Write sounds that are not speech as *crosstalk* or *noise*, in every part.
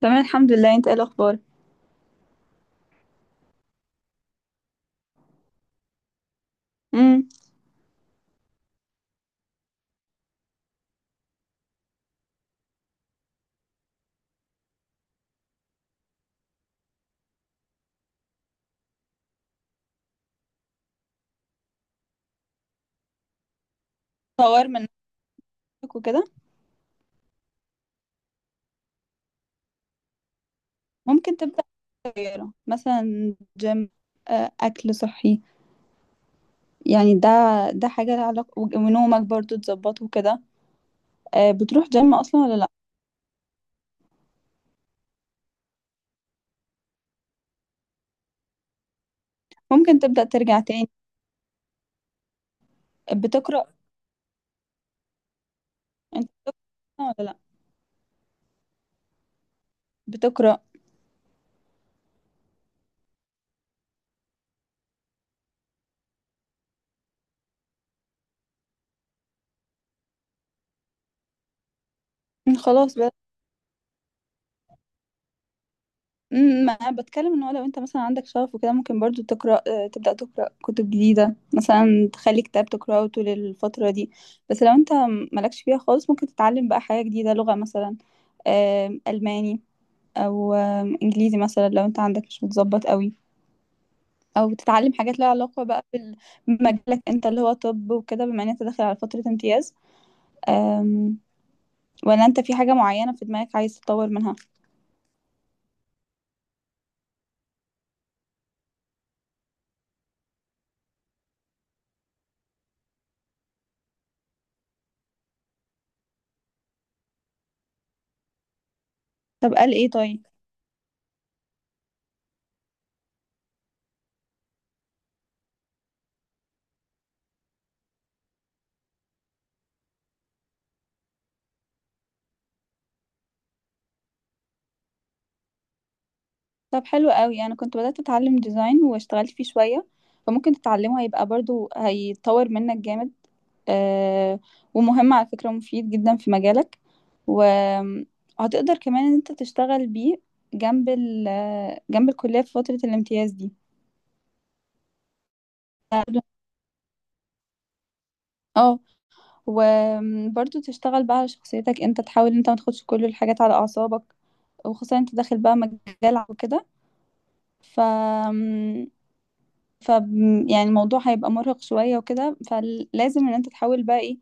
تمام الحمد لله، انت ايه الاخبار؟ امم. طور من نفسك وكده. ممكن تبدا غيره، مثلا جيم، آه، اكل صحي. يعني ده حاجه لها علاقه، ونومك برضو تظبطه وكده. آه، بتروح جيم اصلا ولا لا؟ ممكن تبدا ترجع تاني. بتقرا انت بتقرا ولا لا؟ بتقرا؟ خلاص. ما انا بتكلم، ان هو لو انت مثلا عندك شغف وكده ممكن برضو تقرا، تبدا تقرا كتب جديده مثلا، تخلي كتاب تقراه طول الفتره دي. بس لو انت مالكش فيها خالص ممكن تتعلم بقى حاجه جديده، لغه مثلا، الماني، او انجليزي مثلا، لو انت عندك مش متظبط قوي. او تتعلم حاجات لها علاقه بقى بمجالك انت، اللي هو طب وكده، بما ان انت داخل على فتره امتياز، آم، ولا انت في حاجه معينه في دماغك عايز تطور منها؟ طب قال ايه طيب؟ طب حلو قوي. انا كنت بدأت اتعلم ديزاين واشتغلت فيه شوية، فممكن تتعلمه، هيبقى برضو هيطور منك جامد. آه، ومهم على فكرة، مفيد جدا في مجالك، وهتقدر كمان ان انت تشتغل بيه جنب ال- جنب الكلية في فترة الامتياز دي. اه، وبرضو تشتغل بقى على شخصيتك، انت تحاول انت ما تاخدش كل الحاجات على اعصابك، وخصوصا انت داخل بقى مجال وكده، ف ف يعني الموضوع هيبقى مرهق شوية وكده، فلازم ان انت تحاول بقى ايه،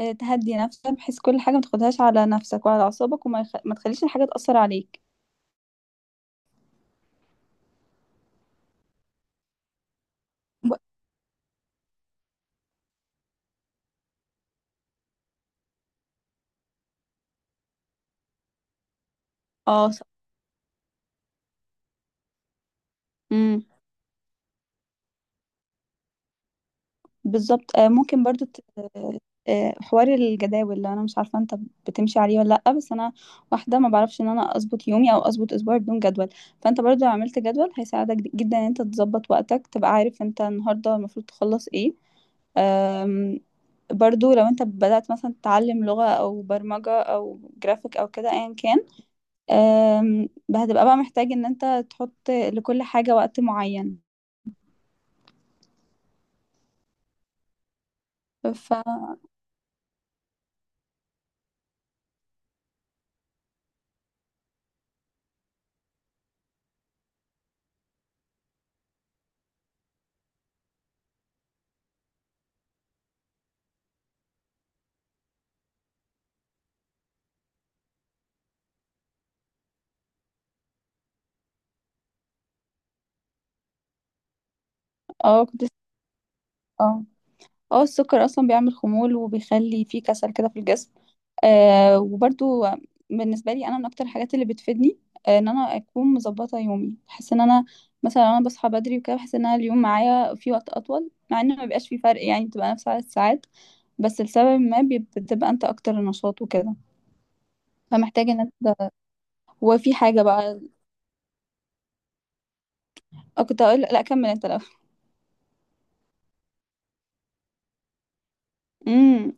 تهدي نفسك، بحيث كل حاجة ما تاخدهاش على نفسك وعلى أعصابك، ما تخليش الحاجة تأثر عليك. ب- اه، صح. بالظبط، ممكن برضو حوار الجداول، اللي انا مش عارفه انت بتمشي عليه ولا لا، بس انا واحده ما بعرفش ان انا اظبط يومي او اظبط اسبوعي بدون جدول. فانت برضو لو عملت جدول هيساعدك جدا ان انت تظبط وقتك، تبقى عارف انت النهارده المفروض تخلص ايه. أم، برضو لو انت بدأت مثلا تتعلم لغة او برمجة او جرافيك او كده ايا كان، أم، هتبقى بقى محتاج ان انت تحط لكل حاجة وقت معين. ف اه، كنت اه اه السكر اصلا بيعمل خمول، وبيخلي فيه كسل كده في الجسم. آه، وبرضو بالنسبه لي انا، من اكتر الحاجات اللي بتفيدني ان انا اكون مظبطه يومي. بحس ان انا مثلا لو انا بصحى بدري وكده، بحس ان انا اليوم معايا فيه وقت اطول، مع ان ما بيبقاش فيه فرق يعني، بتبقى نفس عدد الساعات، بس لسبب ما بتبقى انت اكتر نشاط وكده، فمحتاج ان انت، وفي حاجه بقى. آه، كنت اقول، لا كمل انت الاول. *laughs* امم.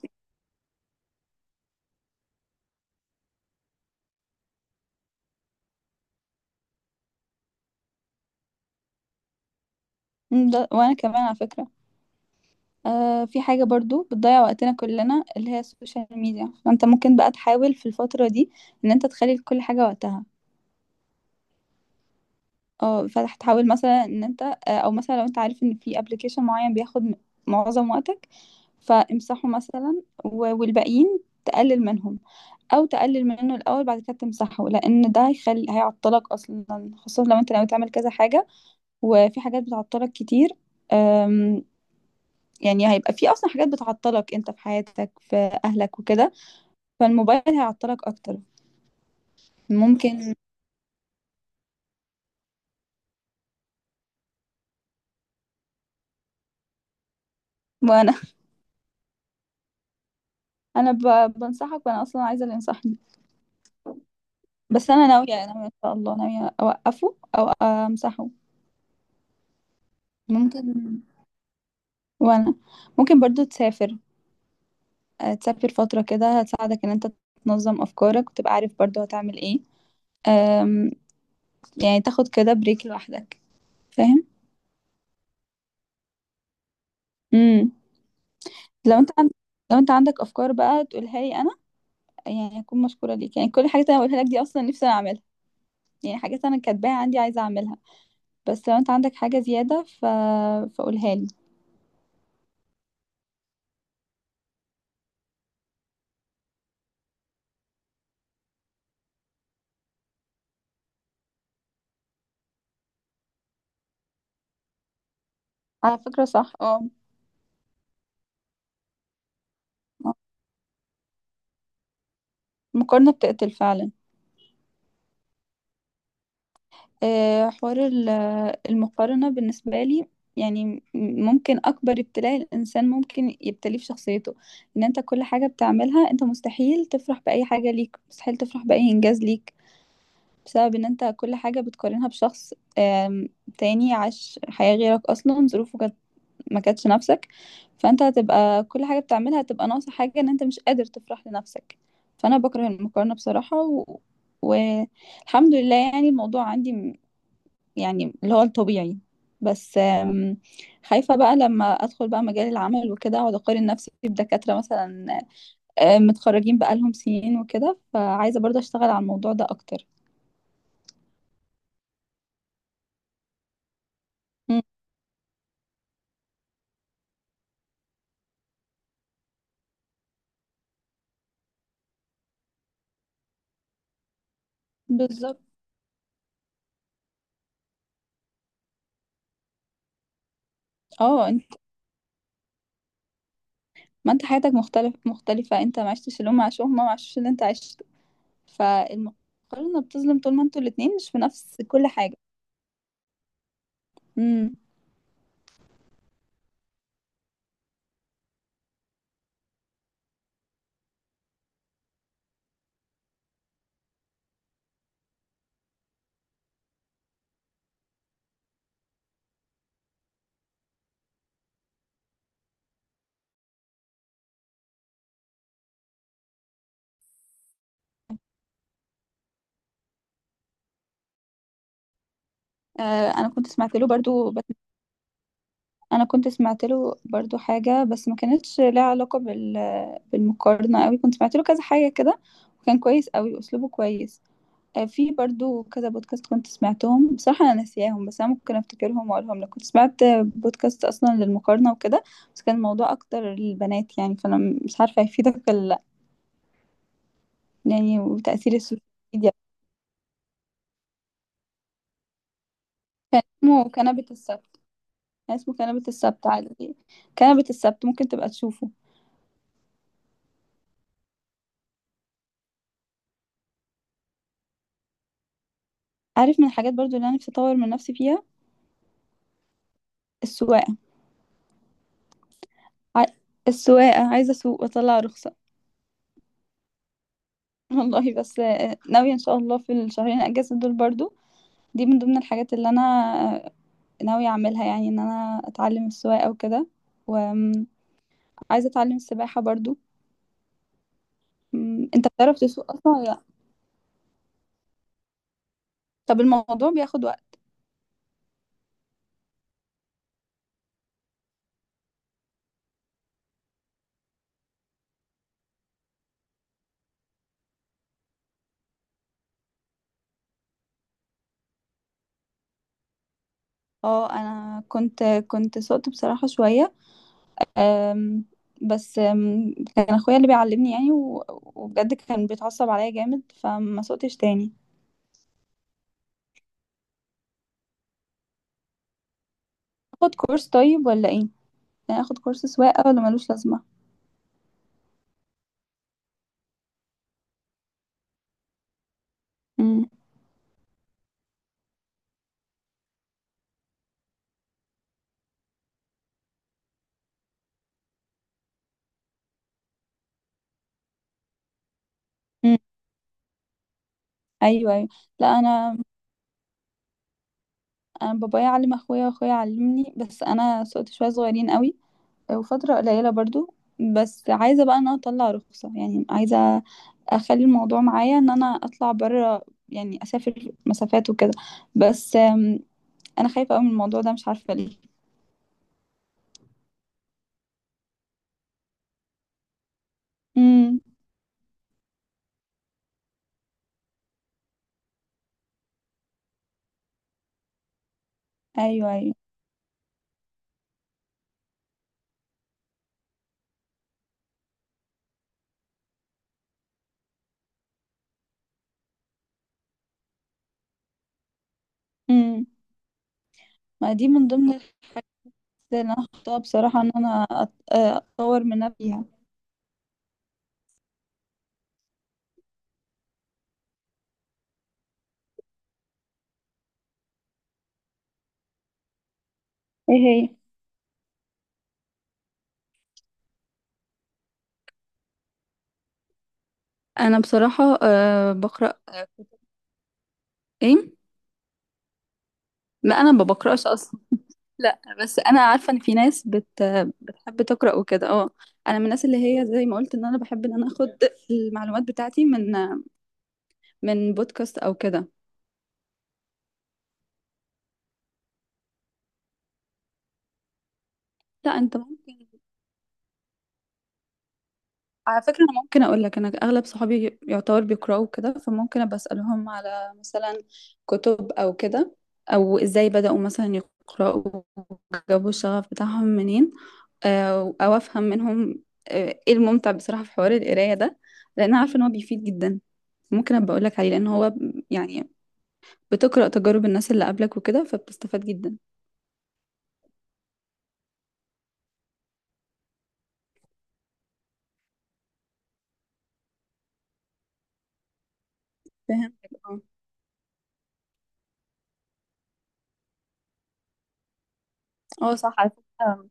ده، وانا كمان على فكره، آه في حاجة برضو بتضيع وقتنا كلنا، اللي هي السوشيال ميديا، فانت ممكن بقى تحاول في الفترة دي ان انت تخلي كل حاجة وقتها. اه، فتحاول مثلا ان انت او مثلا لو انت عارف ان في ابلكيشن معين بياخد معظم وقتك، فامسحه مثلا، والباقيين تقلل منهم، او تقلل منه الاول بعد كده تمسحه، لان ده هيخلي، هيعطلك اصلا، خصوصا لو انت ناوي تعمل كذا حاجة وفي حاجات بتعطلك كتير. أم، يعني هيبقى في اصلا حاجات بتعطلك انت في حياتك، في اهلك وكده، فالموبايل هيعطلك اكتر. ممكن، وانا *laughs* انا بنصحك وانا اصلا عايزه اللي ينصحني، بس انا ناويه، ناويه ان شاء الله، ناويه اوقفه او امسحه. ممكن وانا ممكن برضو تسافر، تسافر فتره كده هتساعدك ان انت تنظم افكارك، وتبقى عارف برضو هتعمل ايه، أم... يعني تاخد كده بريك لوحدك. فاهم. امم. لو انت عند... لو انت عندك افكار بقى تقولها لي انا، يعني اكون مشكوره ليك، يعني كل حاجه انا بقولها لك دي اصلا نفسي انا اعملها، يعني حاجات انا كاتباها عندي عايزه اعملها. بس لو انت عندك حاجة زيادة فقولها لي. على فكرة صح، اه، آه. المقارنة بتقتل فعلا. حوار المقارنة بالنسبة لي يعني، ممكن أكبر ابتلاء الإنسان ممكن يبتليه في شخصيته، إن أنت كل حاجة بتعملها أنت مستحيل تفرح بأي حاجة ليك، مستحيل تفرح بأي إنجاز ليك، بسبب إن أنت كل حاجة بتقارنها بشخص آم، تاني عاش حياة غيرك، أصلا ظروفه كانت ما كانتش نفسك، فانت هتبقى كل حاجه بتعملها هتبقى ناقصه حاجه، ان انت مش قادر تفرح لنفسك. فانا بكره المقارنه بصراحه، والحمد لله يعني الموضوع عندي يعني اللي هو الطبيعي، بس خايفه بقى لما ادخل بقى مجال العمل وكده اقعد اقارن نفسي بدكاتره مثلا، متخرجين بقالهم سنين وكده، فعايزه برضه اشتغل على الموضوع ده اكتر. مم، بالظبط، اه. ما انت حياتك مختلف، مختلفه، انت ما عشتش اللي هم عاشوه، هم ما عاشوش اللي انت عشته، فالمقارنة بتظلم طول ما انتوا الاتنين مش في نفس كل حاجة. امم. آه، انا كنت سمعت له برضو، بس انا كنت سمعت له برضو حاجة بس ما كانتش لها علاقة بالمقارنة قوي، كنت سمعت له كذا حاجة كده، وكان كويس قوي، اسلوبه كويس. آه، في برضو كذا بودكاست كنت سمعتهم، بصراحة انا ناسياهم، بس انا ممكن افتكرهم واقولهم لك. كنت سمعت بودكاست اصلا للمقارنة وكده، بس كان الموضوع اكتر للبنات يعني، فانا مش عارفة هيفيدك ولا لا. يعني وتأثير السوشيال ميديا. اسمه كنبة السواد، يعني اسمه كنبة السبت عادي. كنبة السبت، ممكن تبقى تشوفه. عارف، من الحاجات برضو اللي انا نفسي اطور من نفسي فيها، السواقة. ع... السواقة، عايزة اسوق واطلع رخصة. *laughs* والله، بس ناوية ان شاء الله في الشهرين اجازة دول برضو، دي من ضمن الحاجات اللي انا آه، ناوية اعملها، يعني ان انا اتعلم السواقة وكده، وعايزة اتعلم السباحة برضو. انت بتعرف تسوق اصلا ولا لا؟ طب الموضوع بياخد وقت؟ اه، انا كنت سقت بصراحة شوية، آم، بس كان اخويا اللي بيعلمني يعني، وبجد كان بيتعصب عليا جامد، فما سقتش تاني. اخد كورس طيب ولا ايه؟ يعني اخد كورس سواقة ولا ملوش لازمة؟ مم. مم. ايوه، ايوه. لا، انا بابايا علم اخويا، واخويا علمني، بس انا سقت شوية صغيرين قوي، وفترة قليلة برضو. بس عايزة بقى ان انا اطلع رخصة، يعني عايزة اخلي الموضوع معايا ان انا اطلع بره، يعني اسافر مسافات وكده، بس انا خايفة قوي من الموضوع ده، مش عارفة ليه. ايوه، ايوه. امم. ما دي من ضمن الحاجات اللي انا حطاها بصراحه ان انا اطور من نفسي فيها. ايه هي؟ انا بصراحه أه بقرا كتب. ايه؟ لا، انا ما بقراش اصلا. لا، بس انا عارفه ان في ناس بتحب تقرا وكده، اه. انا من الناس اللي هي زي ما قلت ان انا بحب ان انا اخد المعلومات بتاعتي من بودكاست او كده. لا، انت ممكن، على فكرة، أنا ممكن أقول لك، أنا أغلب صحابي يعتبر بيقرأوا كده، فممكن أبقى أسألهم على مثلا كتب أو كده، أو إزاي بدأوا مثلا يقرأوا، جابوا الشغف بتاعهم منين، أو أو أفهم منهم، إيه الممتع بصراحة في حوار القراية ده، لأن عارفة إن هو بيفيد جدا، ممكن أبقى أقول لك عليه، لأن هو، يعني، بتقرأ تجارب الناس اللي قبلك وكده، فبتستفاد جدا. فاهم. اه، آه، صح على فكرة.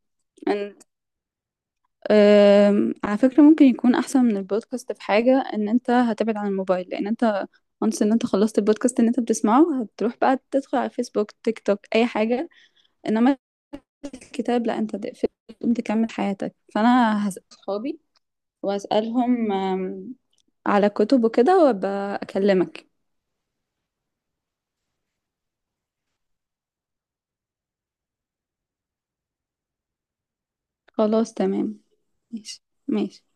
على فكرة ممكن يكون أحسن من البودكاست في حاجة، إن أنت هتبعد عن الموبايل، لأن أنت once إن أنت خلصت البودكاست إن أنت بتسمعه، هتروح بقى تدخل على فيسبوك، تيك توك، أي حاجة، إنما الكتاب لأ، أنت تقفل تقوم تكمل حياتك. فأنا هسأل صحابي، وأسألهم على كتب وكده، وأبقى أكلمك. خلاص، تمام. ماشي، ماشي.